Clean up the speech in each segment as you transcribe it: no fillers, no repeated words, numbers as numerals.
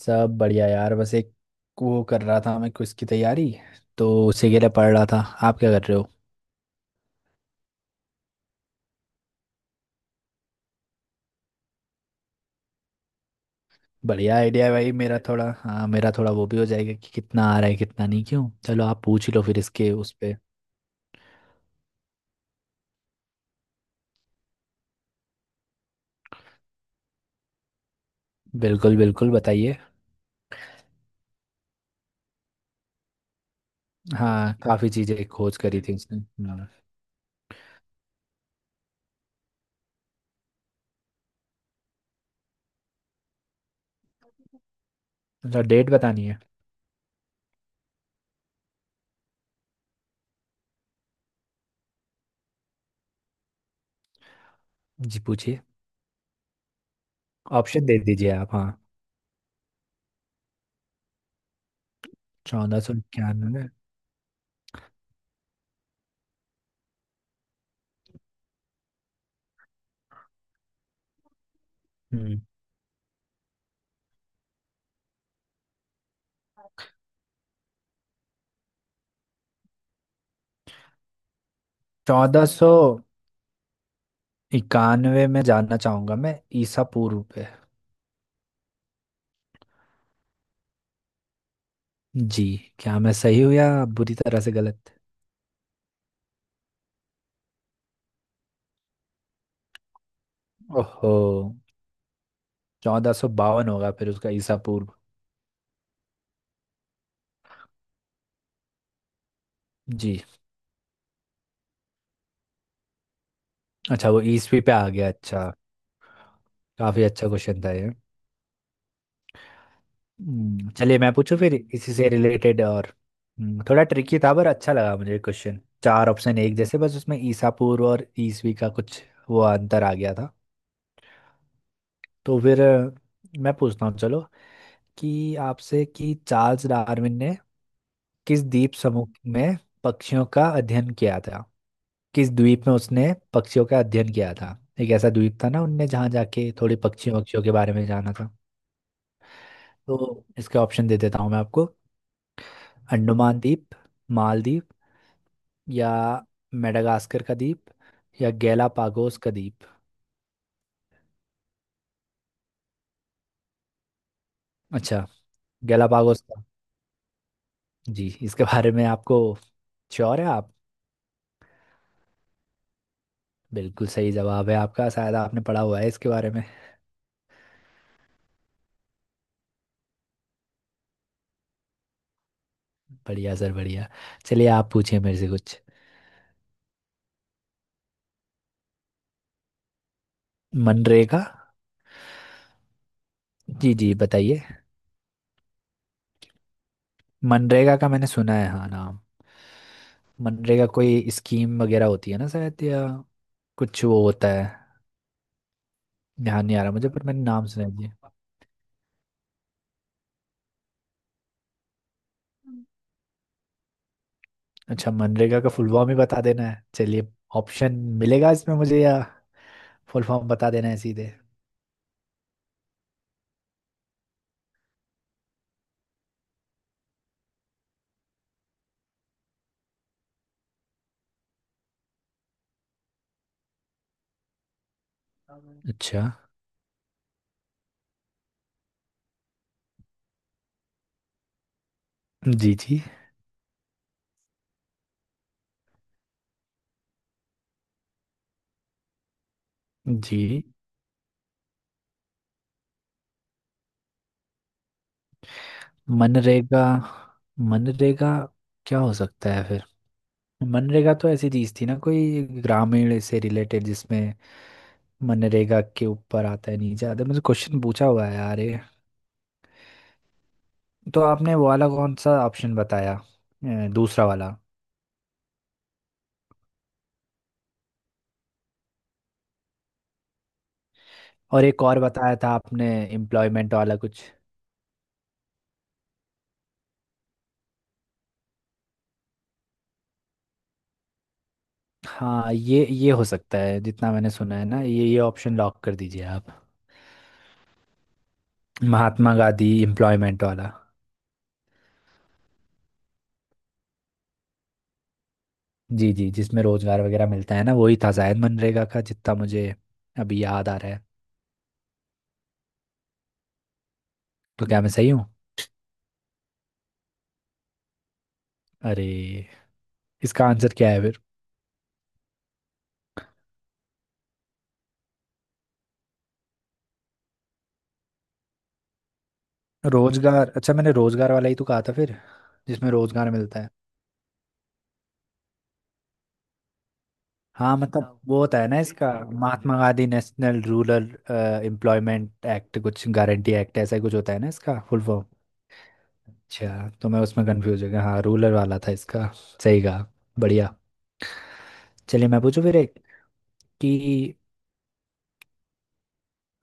सब बढ़िया यार बस एक वो कर रहा था मैं क्विज की तैयारी तो उसी के लिए पढ़ रहा था। आप क्या कर रहे हो? बढ़िया आइडिया है भाई मेरा थोड़ा, हाँ मेरा थोड़ा वो भी हो जाएगा कि कितना आ रहा है कितना नहीं। क्यों, चलो आप पूछ ही लो फिर इसके उस पे। बिल्कुल बिल्कुल, बताइए। हाँ काफ़ी चीज़ें खोज करी थी उसने। हाँ। अच्छा डेट बतानी है। जी पूछिए। ऑप्शन दे दीजिए आप, हाँ। चौदह सौ इक्यानवे में। हम्म 1491 में जानना चाहूँगा मैं ईसा पूर्व पे। जी। क्या मैं सही हूँ या आप बुरी तरह से गलत? ओहो, 1452 होगा फिर उसका ईसा पूर्व? जी। अच्छा वो ईसवी पे आ गया, अच्छा। काफी अच्छा क्वेश्चन था ये। चलिए मैं पूछूं फिर इसी से रिलेटेड और। थोड़ा ट्रिकी था पर अच्छा लगा मुझे क्वेश्चन, चार ऑप्शन एक जैसे बस उसमें ईसा पूर्व और ईसवी का कुछ वो अंतर आ गया था। तो फिर मैं पूछता हूँ चलो कि आपसे कि चार्ल्स डार्विन ने किस द्वीप समूह में पक्षियों का अध्ययन किया था? किस द्वीप में उसने पक्षियों का अध्ययन किया था? एक ऐसा द्वीप था ना उनने जहाँ जाके थोड़े पक्षियों पक्षियों के बारे में जाना था। तो इसके ऑप्शन दे देता हूँ मैं आपको। अंडमान द्वीप, मालदीव, या मेडागास्कर का द्वीप, या गैलापागोस का द्वीप। अच्छा गैलापागोस का। जी इसके बारे में आपको श्योर है आप? बिल्कुल सही जवाब है आपका, शायद आपने पढ़ा हुआ है इसके बारे में। बढ़िया सर बढ़िया। चलिए आप पूछिए मेरे से कुछ। मनरेगा। जी जी बताइए। मनरेगा का मैंने सुना है हाँ नाम। मनरेगा कोई स्कीम वगैरह होती है ना शायद या कुछ वो होता है। ध्यान नहीं आ रहा मुझे पर मैंने नाम सुना है जी। अच्छा मनरेगा का फुल फॉर्म ही बता देना है, चलिए। ऑप्शन मिलेगा इसमें मुझे या फुल फॉर्म बता देना है सीधे? अच्छा। जी जी जी। मनरेगा मनरेगा क्या हो सकता है फिर? मनरेगा तो ऐसी चीज थी ना कोई ग्रामीण से रिलेटेड जिसमें, मनरेगा के ऊपर आता है नहीं ज्यादा मुझे क्वेश्चन पूछा हुआ है यार ये। तो आपने वो वाला कौन सा ऑप्शन बताया, दूसरा वाला? और एक और बताया था आपने एम्प्लॉयमेंट वाला कुछ। हाँ ये हो सकता है, जितना मैंने सुना है ना ये ऑप्शन लॉक कर दीजिए आप। महात्मा गांधी एम्प्लॉयमेंट वाला। जी जी जिसमें रोजगार वगैरह मिलता है ना वही था शायद मनरेगा का जितना मुझे अभी याद आ रहा है। तो क्या मैं सही हूँ? अरे, इसका आंसर क्या है? रोजगार, अच्छा मैंने रोजगार वाला ही तो कहा था फिर, जिसमें रोजगार मिलता है। हाँ मतलब हाँ वो होता है ना वही इसका काम मिलता है, Mahatma Gandhi national rural employment act कुछ गारंटी एक्ट ऐसा ही कुछ होता है ना इसका फुल फॉर्म। अच्छा तो मैं उसमें कंफ्यूज हो गया, हाँ रूरल वाला था इसका, सही कहा। बढ़िया। चलिए मैं पूछूं फिर एक, कि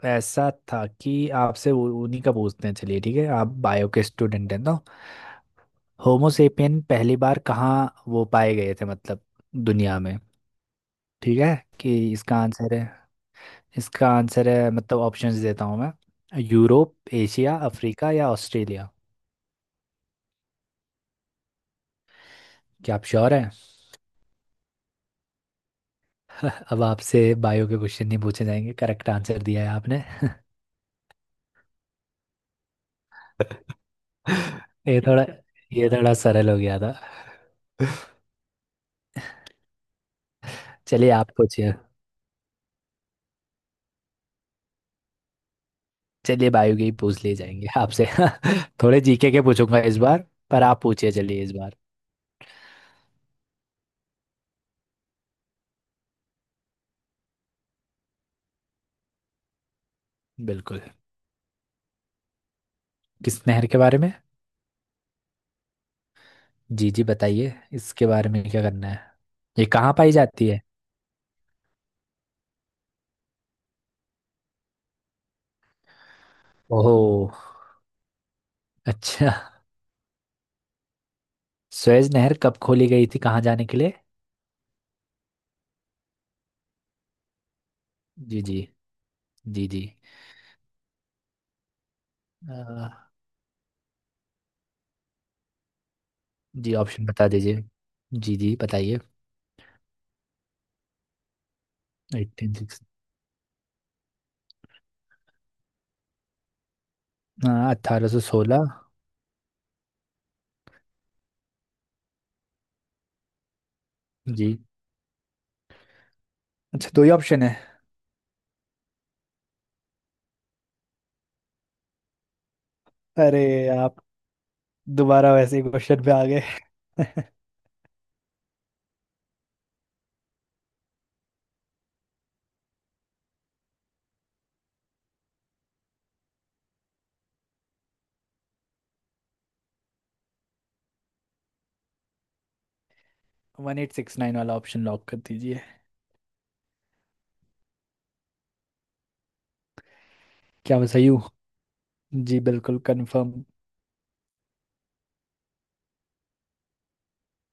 ऐसा था कि आपसे उन्हीं का पूछते हैं चलिए। ठीक है आप बायो के स्टूडेंट हैं तो, होमो सेपियन पहली बार कहाँ वो पाए गए थे मतलब दुनिया में? ठीक है कि इसका आंसर है, इसका आंसर है मतलब ऑप्शंस देता हूँ मैं। यूरोप, एशिया, अफ्रीका, या ऑस्ट्रेलिया। क्या आप श्योर हैं? अब आपसे बायो के क्वेश्चन नहीं पूछे जाएंगे, करेक्ट आंसर दिया है आपने। ये थोड़ा ये थोड़ा सरल हो गया था। चलिए आप पूछिए। चलिए बायो के ही पूछ लिए जाएंगे आपसे। थोड़े जीके के पूछूंगा इस बार, पर आप पूछिए चलिए इस बार। बिल्कुल। किस नहर के बारे में? जी जी बताइए इसके बारे में क्या करना है, ये कहाँ पाई जाती है? ओहो, अच्छा, सुएज नहर कब खोली गई थी कहाँ जाने के लिए? जी जी। जी जी। अ, जी ऑप्शन बता दीजिए। जी जी बताइए। Eighteen six, 1816। जी अच्छा दो ही ऑप्शन है? अरे आप दोबारा वैसे ही क्वेश्चन पे आ गए। 1869 वाला ऑप्शन लॉक कर दीजिए। क्या मैं सही हूँ? जी बिल्कुल कंफर्म।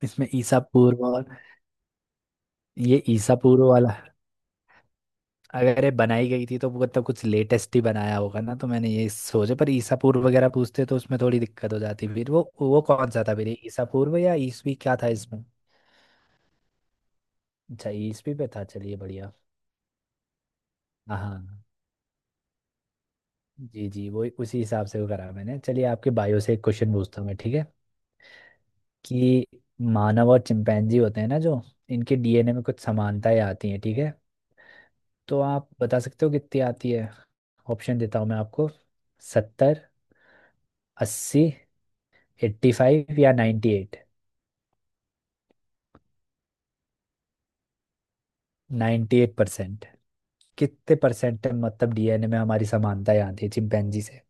इसमें ईसा पूर्व और, ये ईसा पूर्व वाला अगर ये बनाई गई थी तो वो मतलब कुछ लेटेस्ट ही बनाया होगा ना तो मैंने ये सोचा, पर ईसा पूर्व वगैरह पूछते तो उसमें थोड़ी दिक्कत हो जाती। फिर वो कौन सा था फिर ये ईसा पूर्व या ईसवी क्या था इसमें? अच्छा ईसवी पे था, चलिए बढ़िया। हाँ हाँ, हाँ। जी जी वो उसी हिसाब से वो करा मैंने। चलिए आपके बायो से एक क्वेश्चन पूछता हूँ मैं, ठीक है कि, मानव और चिंपैंजी होते हैं ना जो, इनके डीएनए में कुछ समानताएं आती हैं ठीक है? तो आप बता सकते हो कितनी आती है? ऑप्शन देता हूँ मैं आपको। सत्तर, अस्सी, एट्टी फाइव, या नाइन्टी एट, 98%। कितने परसेंट मतलब डीएनए में हमारी समानताएं आती है चिंपैंजी से?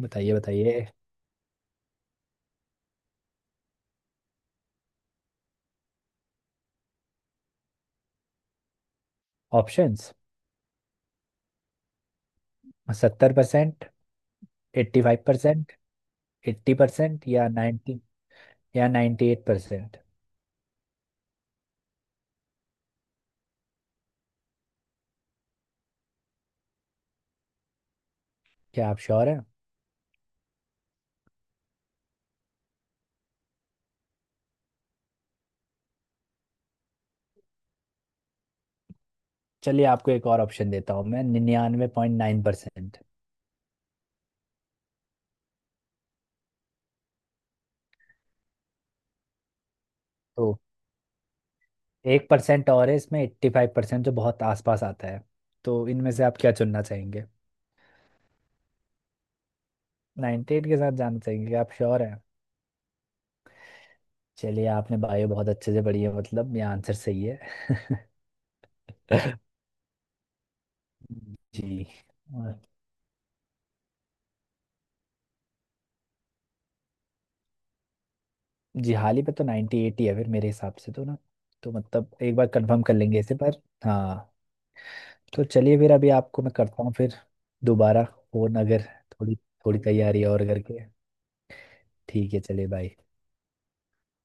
बताइए बताइए। ऑप्शंस, 70%, 85%, 80%, या नाइन्टी, या 98%। क्या आप श्योर हैं? चलिए आपको एक और ऑप्शन देता हूँ मैं, 99.9%। तो एक परसेंट और है इसमें 85% जो बहुत आसपास आता है। तो इनमें से आप क्या चुनना चाहेंगे? नाइन्टी एट के साथ जाना चाहेंगे? क्या आप श्योर हैं? चलिए आपने बायो बहुत अच्छे से पढ़ी है, मतलब ये आंसर सही है। जी। और जी हाल ही पे तो 98 एट ही है फिर मेरे हिसाब से तो ना। तो मतलब एक बार कंफर्म कर लेंगे इसे, पर हाँ। तो चलिए फिर अभी आपको मैं करता हूँ फिर दोबारा फोन, अगर थोड़ी थोड़ी तैयारी और करके। ठीक है, चलिए बाय।